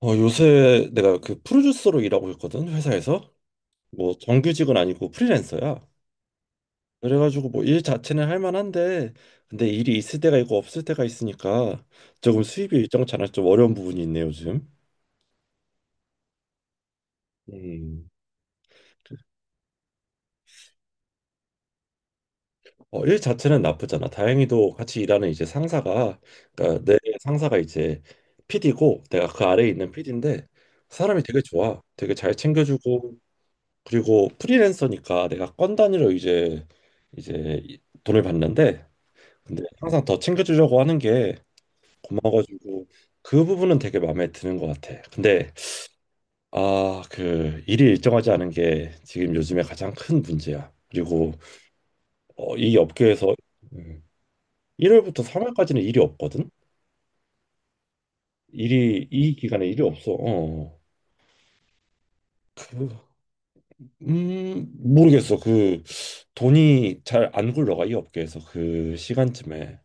요새 내가 그 프로듀서로 일하고 있거든, 회사에서. 뭐 정규직은 아니고 프리랜서야. 그래가지고 뭐 일 자체는 할 만한데, 근데 일이 있을 때가 있고 없을 때가 있으니까 조금 수입이 일정치 않아서 좀 어려운 부분이 있네, 요즘. 음. 일 자체는 나쁘잖아. 다행히도 같이 일하는 이제 상사가, 그러니까 내 상사가 이제 PD고, 내가 그 아래에 있는 PD인데, 사람이 되게 좋아. 되게 잘 챙겨주고, 그리고 프리랜서니까 내가 건 단위로 이제 돈을 받는데 근데 항상 더 챙겨주려고 하는 게 고마워가지고 그 부분은 되게 마음에 드는 것 같아. 근데 아 그 일이 일정하지 않은 게 지금 요즘에 가장 큰 문제야. 그리고 이 업계에서 음, 1월부터 3월까지는 일이 없거든. 일이 이 기간에 일이 없어. 어. 그, 모르겠어. 그 돈이 잘 안 굴러가 이 업계에서 그 시간쯤에.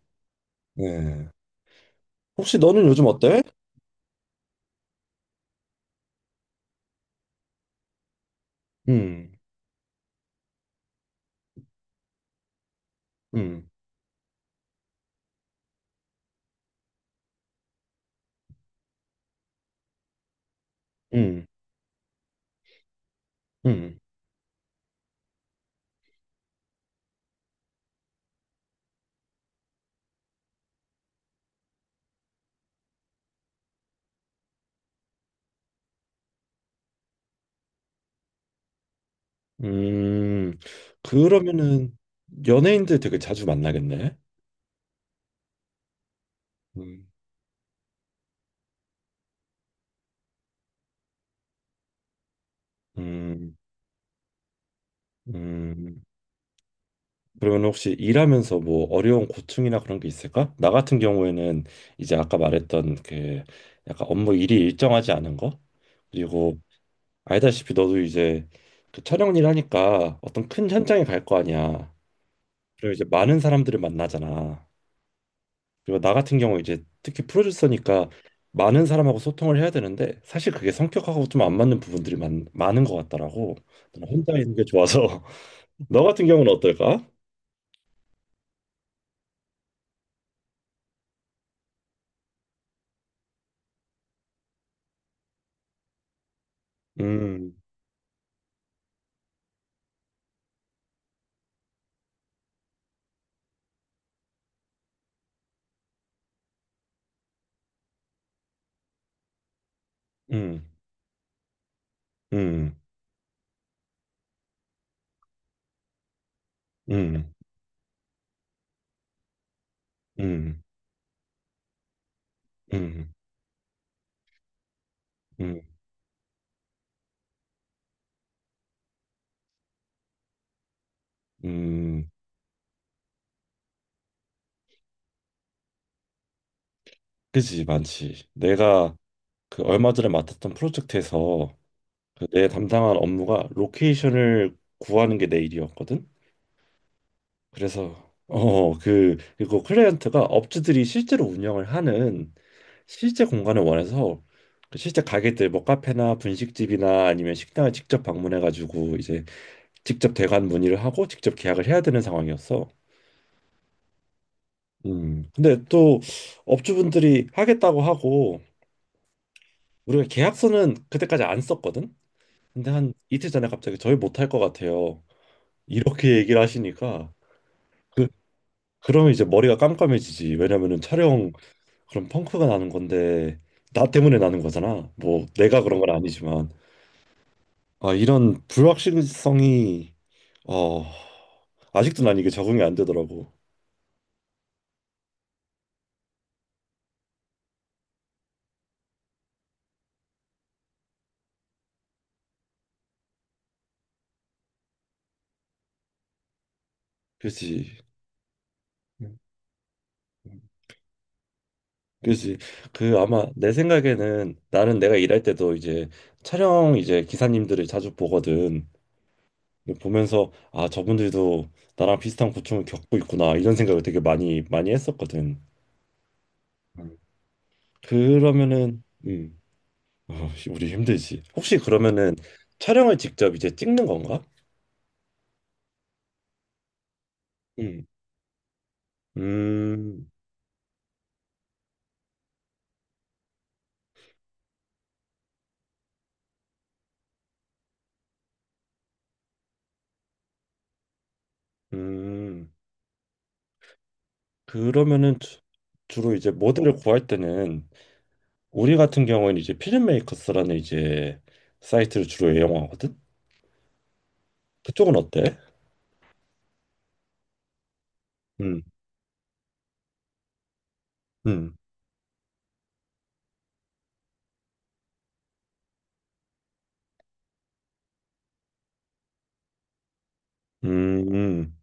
네. 혹시 너는 요즘 어때? 음, 음, 음, 음, 음. 그러면은 연예인들 되게 자주 만나겠네. 음, 음, 음. 그러면 혹시 일하면서 뭐 어려운 고충이나 그런 게 있을까? 나 같은 경우에는 이제 아까 말했던 그 약간 업무 일이 일정하지 않은 거 그리고 알다시피 너도 이제 그 촬영 일 하니까 어떤 큰 현장에 갈 거 아니야. 그리고 이제 많은 사람들을 만나잖아. 그리고 나 같은 경우 이제 특히 프로듀서니까 많은 사람하고 소통을 해야 되는데 사실 그게 성격하고 좀 안 맞는 부분들이 많은 것 같더라고. 나는 혼자 있는 게 좋아서. 너 같은 경우는 어떨까? 음, 음, 음, 음, 음, 음, 음, 음, 그지 많지. 내가 그 얼마 전에 맡았던 프로젝트에서 그내 담당한 업무가 로케이션을 구하는 게 내 일이었거든. 그래서 그리고 클라이언트가 업주들이 실제로 운영을 하는 실제 공간을 원해서 그 실제 가게들 뭐 카페나 분식집이나 아니면 식당을 직접 방문해 가지고 이제 직접 대관 문의를 하고 직접 계약을 해야 되는 상황이었어. 음. 근데 또 업주분들이 하겠다고 하고 우리가 계약서는 그때까지 안 썼거든. 근데 한 이틀 전에 갑자기 저희 못할 것 같아요. 이렇게 얘기를 하시니까 그 그러면 이제 머리가 깜깜해지지. 왜냐면은 촬영 그럼 펑크가 나는 건데 나 때문에 나는 거잖아. 뭐 내가 그런 건 아니지만 아, 이런 불확실성이 어, 아직도 난 이게 적응이 안 되더라고. 그렇지. 음, 음. 그렇지. 그 아마 내 생각에는 나는 내가 일할 때도 이제 촬영 이제 기사님들을 자주 보거든. 보면서 아, 저분들도 나랑 비슷한 고충을 겪고 있구나. 이런 생각을 되게 많이 했었거든. 음. 그러면은 어, 씨, 우리 힘들지. 혹시 그러면은 촬영을 직접 이제 찍는 건가? 음. 음. 음. 그러면은 주- 주로 이제 모델을 구할 때는 우리 같은 경우에는 이제 필름메이커스라는 이제 사이트를 주로 이용하거든. 그쪽은 어때? 음, 음, 음, 음,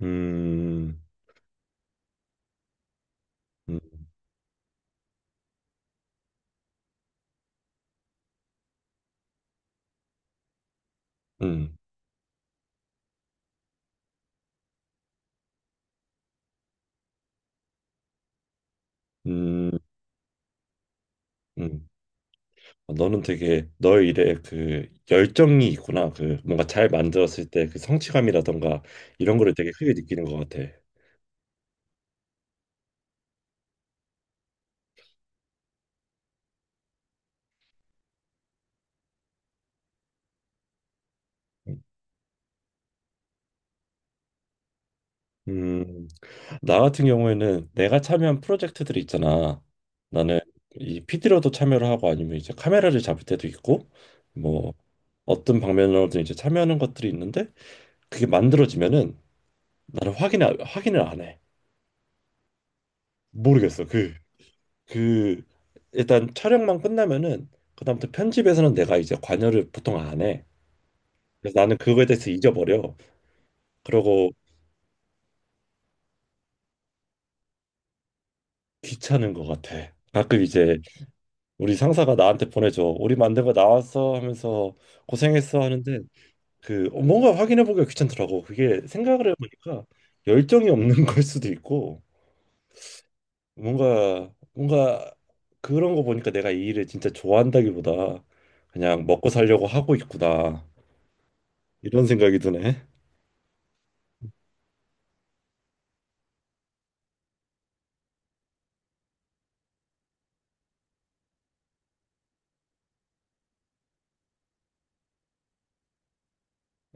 음, 음, 음, 음. 음. 너는 되게 너의 일에 그 열정이 있구나. 그 뭔가 잘 만들었을 때 그 성취감이라던가 이런 거를 되게 크게 느끼는 것 같아. 음, 나 같은 경우에는 내가 참여한 프로젝트들 이 있잖아. 나는 이 PD로도 참여를 하고 아니면 이제 카메라를 잡을 때도 있고 뭐 어떤 방면으로든 이제 참여하는 것들이 있는데 그게 만들어지면은 나는 확인을 안 해. 모르겠어. 그 그 일단 촬영만 끝나면은 그다음부터 편집에서는 내가 이제 관여를 보통 안 해. 그래서 나는 그거에 대해서 잊어버려. 그러고 귀찮은 것 같아. 가끔 이제 우리 상사가 나한테 보내줘. 우리 만대가 나왔어 하면서 고생했어 하는데 그 뭔가 확인해 보기가 귀찮더라고. 그게 생각을 해보니까 열정이 없는 걸 수도 있고 뭔가 그런 거 보니까 내가 이 일을 진짜 좋아한다기보다 그냥 먹고 살려고 하고 있구나 이런 생각이 드네.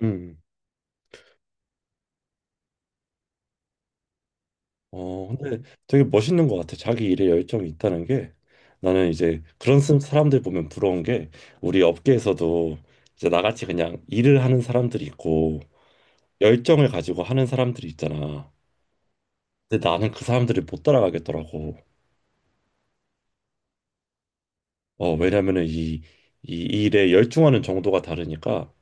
음. 근데 되게 멋있는 것 같아. 자기 일에 열정이 있다는 게 나는 이제 사람들 보면 부러운 게 우리 업계에서도 이제 나같이 그냥 일을 하는 사람들이 있고 열정을 가지고 하는 사람들이 있잖아. 근데 나는 그 사람들을 못 따라가겠더라고. 왜냐면은 이 일에 열중하는 정도가 다르니까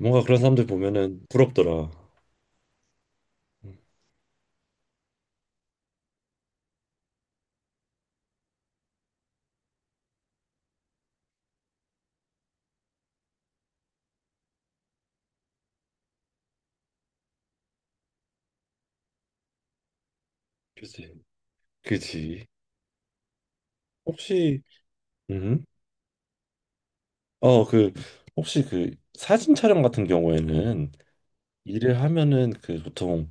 뭔가 그런 사람들 보면은 부럽더라. 음, 그치. 그치. 혹시, 음, 어, 그, 혹시 그 사진 촬영 같은 경우에는 일을 하면은 그 보통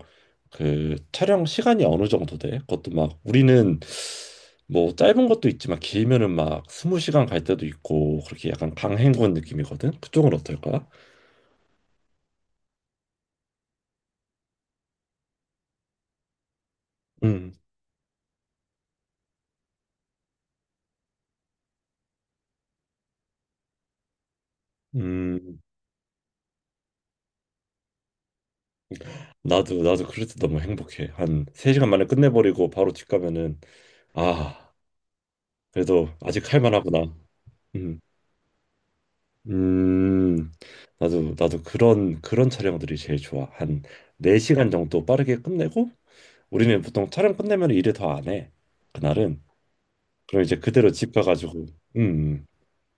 그 촬영 시간이 어느 정도 돼? 그것도 막 우리는 뭐 짧은 것도 있지만 길면은 막 스무 시간 갈 때도 있고 그렇게 약간 강행군 느낌이거든. 그쪽은 어떨까? 음. 음. 나도 그럴 때 너무 행복해. 한 3시간 만에 끝내버리고 바로 집 가면은 아, 그래도 아직 할 만하구나. 음. 음. 나도 그런 촬영들이 제일 좋아. 한 4시간 정도 빠르게 끝내고 우리는 보통 촬영 끝내면 일을 더 안 해. 그날은 그럼 이제 그대로 집 가가지고 음, 음.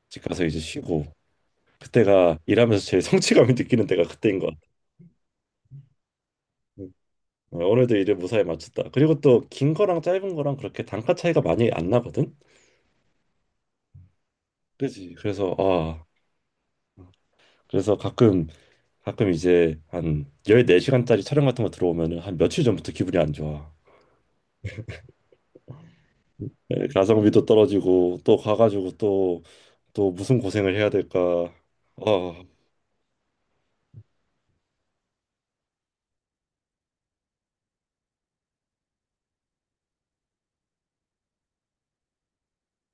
집 가서 이제 쉬고 그때가 일하면서 제일 성취감이 느끼는 때가 그때인 것 같아. 음, 어, 오늘도 일을 무사히 마쳤다. 그리고 또 긴 거랑 짧은 거랑 그렇게 단가 차이가 많이 안 나거든. 그지? 그래서 아 그래서 가끔 이제 한 14시간짜리 촬영 같은 거 들어오면은 한 며칠 전부터 기분이 안 좋아. 예, 가성비도 떨어지고 또 가가지고 또 무슨 고생을 해야 될까. 아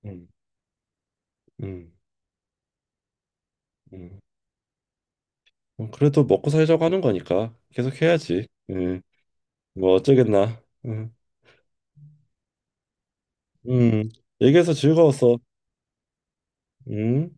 음. 음. 음. 뭐 그래도 먹고 살자고 하는 거니까 계속 해야지. 음. 뭐 어쩌겠나. 음. 음. 얘기해서 즐거웠어. 음.